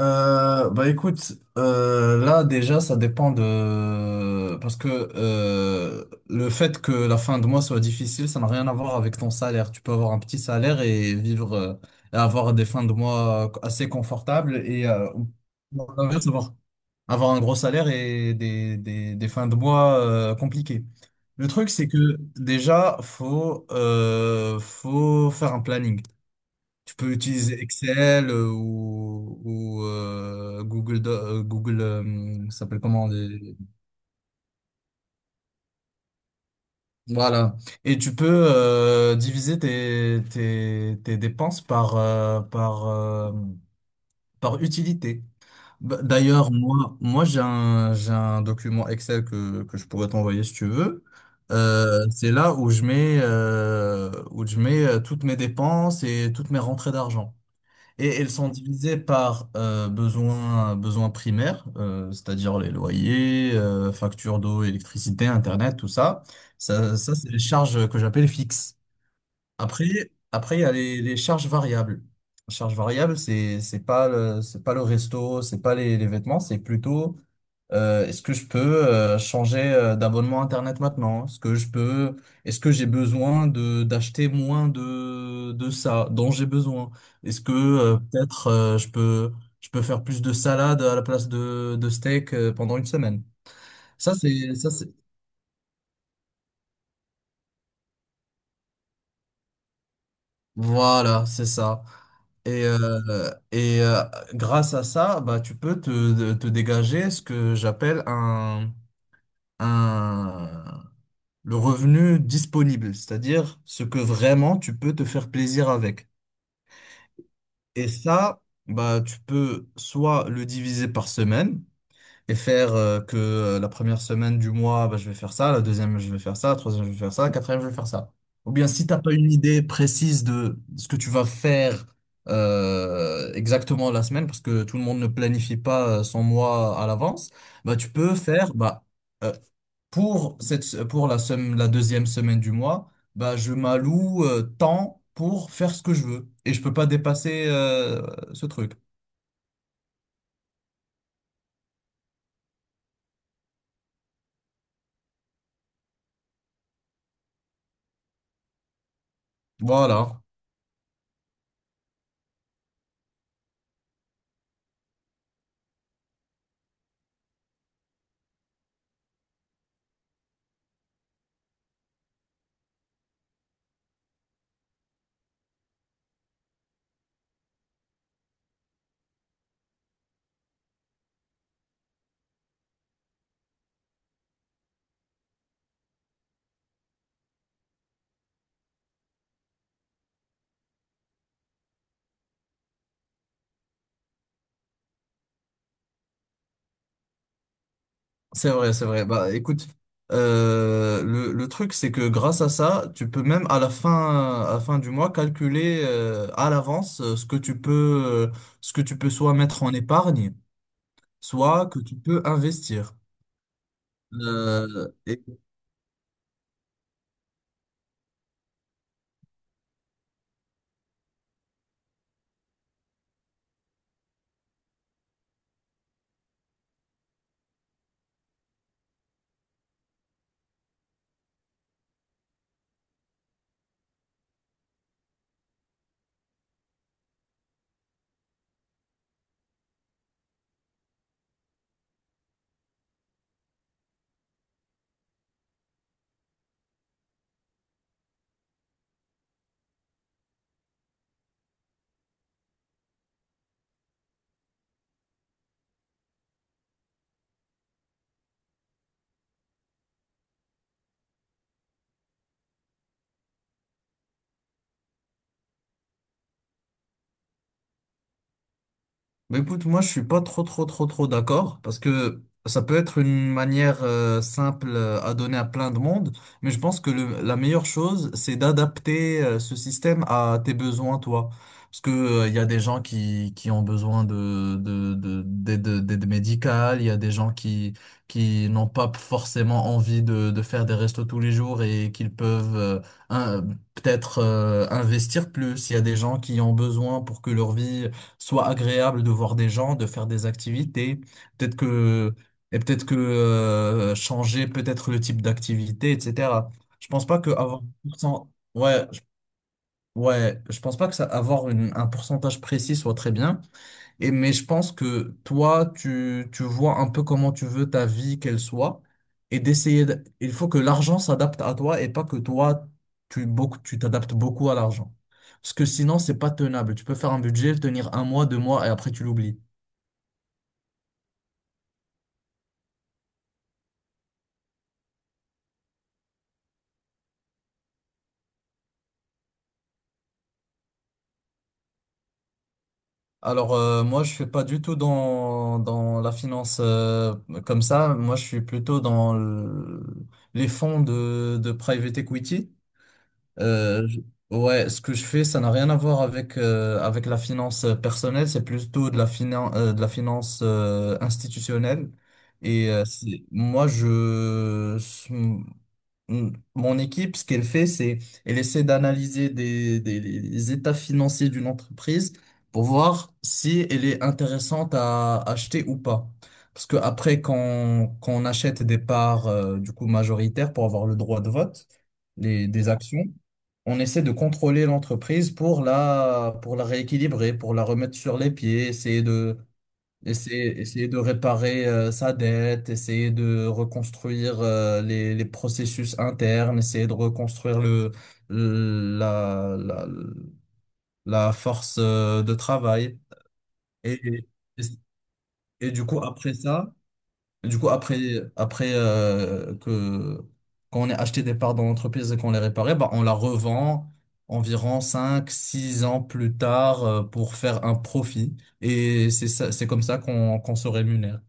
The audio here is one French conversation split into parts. Bah écoute, là déjà ça dépend de... Parce que le fait que la fin de mois soit difficile, ça n'a rien à voir avec ton salaire. Tu peux avoir un petit salaire et vivre et avoir des fins de mois assez confortables non, l'inverse, avoir un gros salaire et des fins de mois compliquées. Le truc c'est que déjà faut faire un planning. Tu peux utiliser Excel ou Google, ça s'appelle comment? Voilà. Et tu peux diviser tes dépenses par utilité. D'ailleurs, moi j'ai j'ai un document Excel que je pourrais t'envoyer si tu veux. C'est là où je où je mets toutes mes dépenses et toutes mes rentrées d'argent. Et elles sont divisées par besoins primaires, c'est-à-dire les loyers, factures d'eau, électricité, Internet, tout ça. Ça c'est les charges que j'appelle fixes. Après, après, il y a les charges variables. La charge variable, c'est pas c'est pas le resto, c'est pas les vêtements, c'est plutôt est-ce que je peux changer d'abonnement Internet maintenant? Est-ce que j'ai besoin de d'acheter moins de ça dont j'ai besoin? Est-ce que peut-être je peux faire plus de salade à la place de steak pendant une semaine? Ça, c'est, ça, c'est- Voilà, c'est ça. Et, euh, et euh, Grâce à ça, bah, tu peux te dégager ce que j'appelle un, le revenu disponible, c'est-à-dire ce que vraiment tu peux te faire plaisir avec. Et ça, bah, tu peux soit le diviser par semaine, et faire que la première semaine du mois, bah, je vais faire ça, la deuxième, je vais faire ça, la troisième, je vais faire ça, la quatrième, je vais faire ça. Ou bien si t'as pas une idée précise de ce que tu vas faire exactement la semaine, parce que tout le monde ne planifie pas son mois à l'avance, bah, tu peux faire euh, pour la deuxième semaine du mois, bah, je m'alloue tant pour faire ce que je veux. Et je peux pas dépasser ce truc. Voilà. C'est vrai, c'est vrai. Bah, écoute, le truc, c'est que grâce à ça, tu peux même à la fin du mois calculer à l'avance ce que tu peux, ce que tu peux soit mettre en épargne, soit que tu peux investir. Euh, Bah écoute, moi je suis pas trop d'accord parce que ça peut être une manière simple à donner à plein de monde, mais je pense que la meilleure chose c'est d'adapter ce système à tes besoins toi. Parce que il y a des gens qui ont besoin d'aide, d'aide médicale, il y a des gens qui n'ont pas forcément envie de faire des restos tous les jours et qu'ils peuvent un- peut-être investir plus. Il y a des gens qui ont besoin pour que leur vie soit agréable de voir des gens, de faire des activités, peut-être que peut-être que changer peut-être le type d'activité, etc. Je pense pas que avoir un pourcent- ouais, je- Ouais, je pense pas que ça un pourcentage précis soit très bien. Mais je pense que toi, tu vois un peu comment tu veux ta vie qu'elle soit et il faut que l'argent s'adapte à toi et pas que toi, tu t'adaptes beaucoup à l'argent. Parce que sinon, c'est pas tenable. Tu peux faire un budget, le tenir un mois, deux mois et après tu l'oublies. Alors, moi, je suis pas du tout dans la finance comme ça. Moi, je suis plutôt dans les fonds de private equity. Euh, je- ouais, ce que je fais, ça n'a rien à voir avec, avec la finance personnelle, c'est plutôt de la finance institutionnelle. Et euh, c'est- moi, je, Mm. Mon équipe, ce qu'elle fait, c'est elle essaie d'analyser les états financiers d'une entreprise pour voir si elle est intéressante à acheter ou pas. Parce que après, quand on achète des parts du coup majoritaires pour avoir le droit de vote, des actions, on essaie de contrôler l'entreprise pour la rééquilibrer, pour la remettre sur les pieds, essayer de réparer sa dette, essayer de reconstruire les processus internes, essayer de reconstruire la, la, la force de travail. Et, et, et du coup, après ça, du coup, après, après que, quand on a acheté des parts dans l'entreprise et qu'on les réparait, bah, on la revend environ 5 6 ans plus tard pour faire un profit. Et c'est ça, c'est comme ça qu'on se rémunère.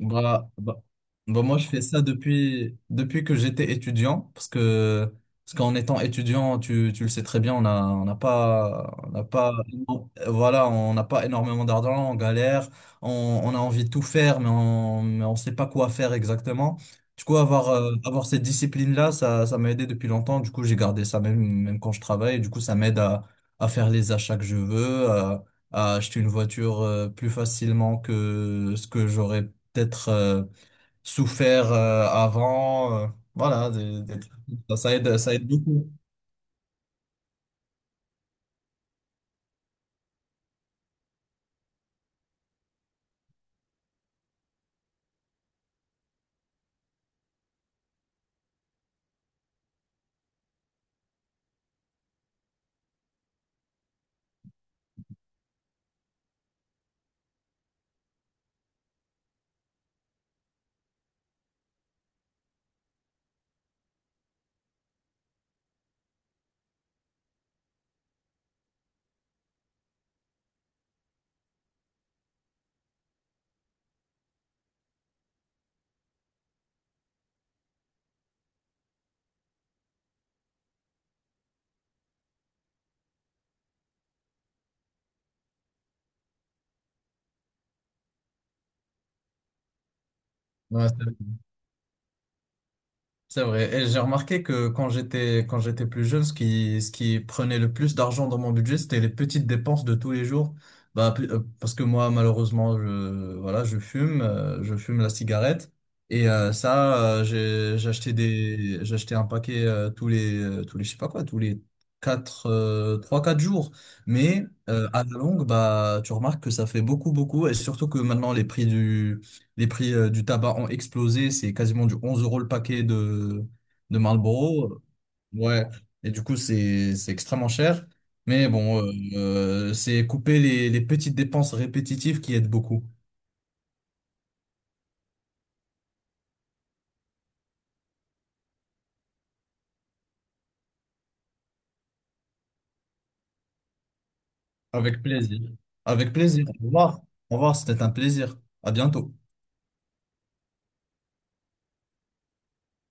Bah, bah, Bah, moi, je fais ça depuis que j'étais étudiant, parce qu'en étant étudiant, tu le sais très bien, on n'a pas, voilà, on n'a pas énormément d'argent, on galère, on a envie de tout faire, mais mais on sait pas quoi faire exactement. Du coup, avoir cette discipline-là, ça m'a aidé depuis longtemps. Du coup, j'ai gardé ça même quand je travaille. Du coup, ça m'aide à faire les achats que je veux, à acheter une voiture plus facilement que ce que j'aurais peut-être souffert avant. Voilà, des trucs comme ça, ça aide beaucoup. Ouais, c'est vrai. Et j'ai remarqué que quand j'étais plus jeune, ce qui prenait le plus d'argent dans mon budget, c'était les petites dépenses de tous les jours. Parce que moi malheureusement je voilà je fume la cigarette et ça j'achetais un paquet tous les je sais pas quoi tous les quatre trois quatre jours. Mais à la longue bah tu remarques que ça fait beaucoup beaucoup et surtout que maintenant les prix du tabac ont explosé. C'est quasiment du 11 euros le paquet de Marlboro. Ouais. Et du coup, c'est extrêmement cher. Mais bon, c'est couper les petites dépenses répétitives qui aident beaucoup. Avec plaisir. Avec plaisir. Au revoir. Au revoir, c'était un plaisir. À bientôt.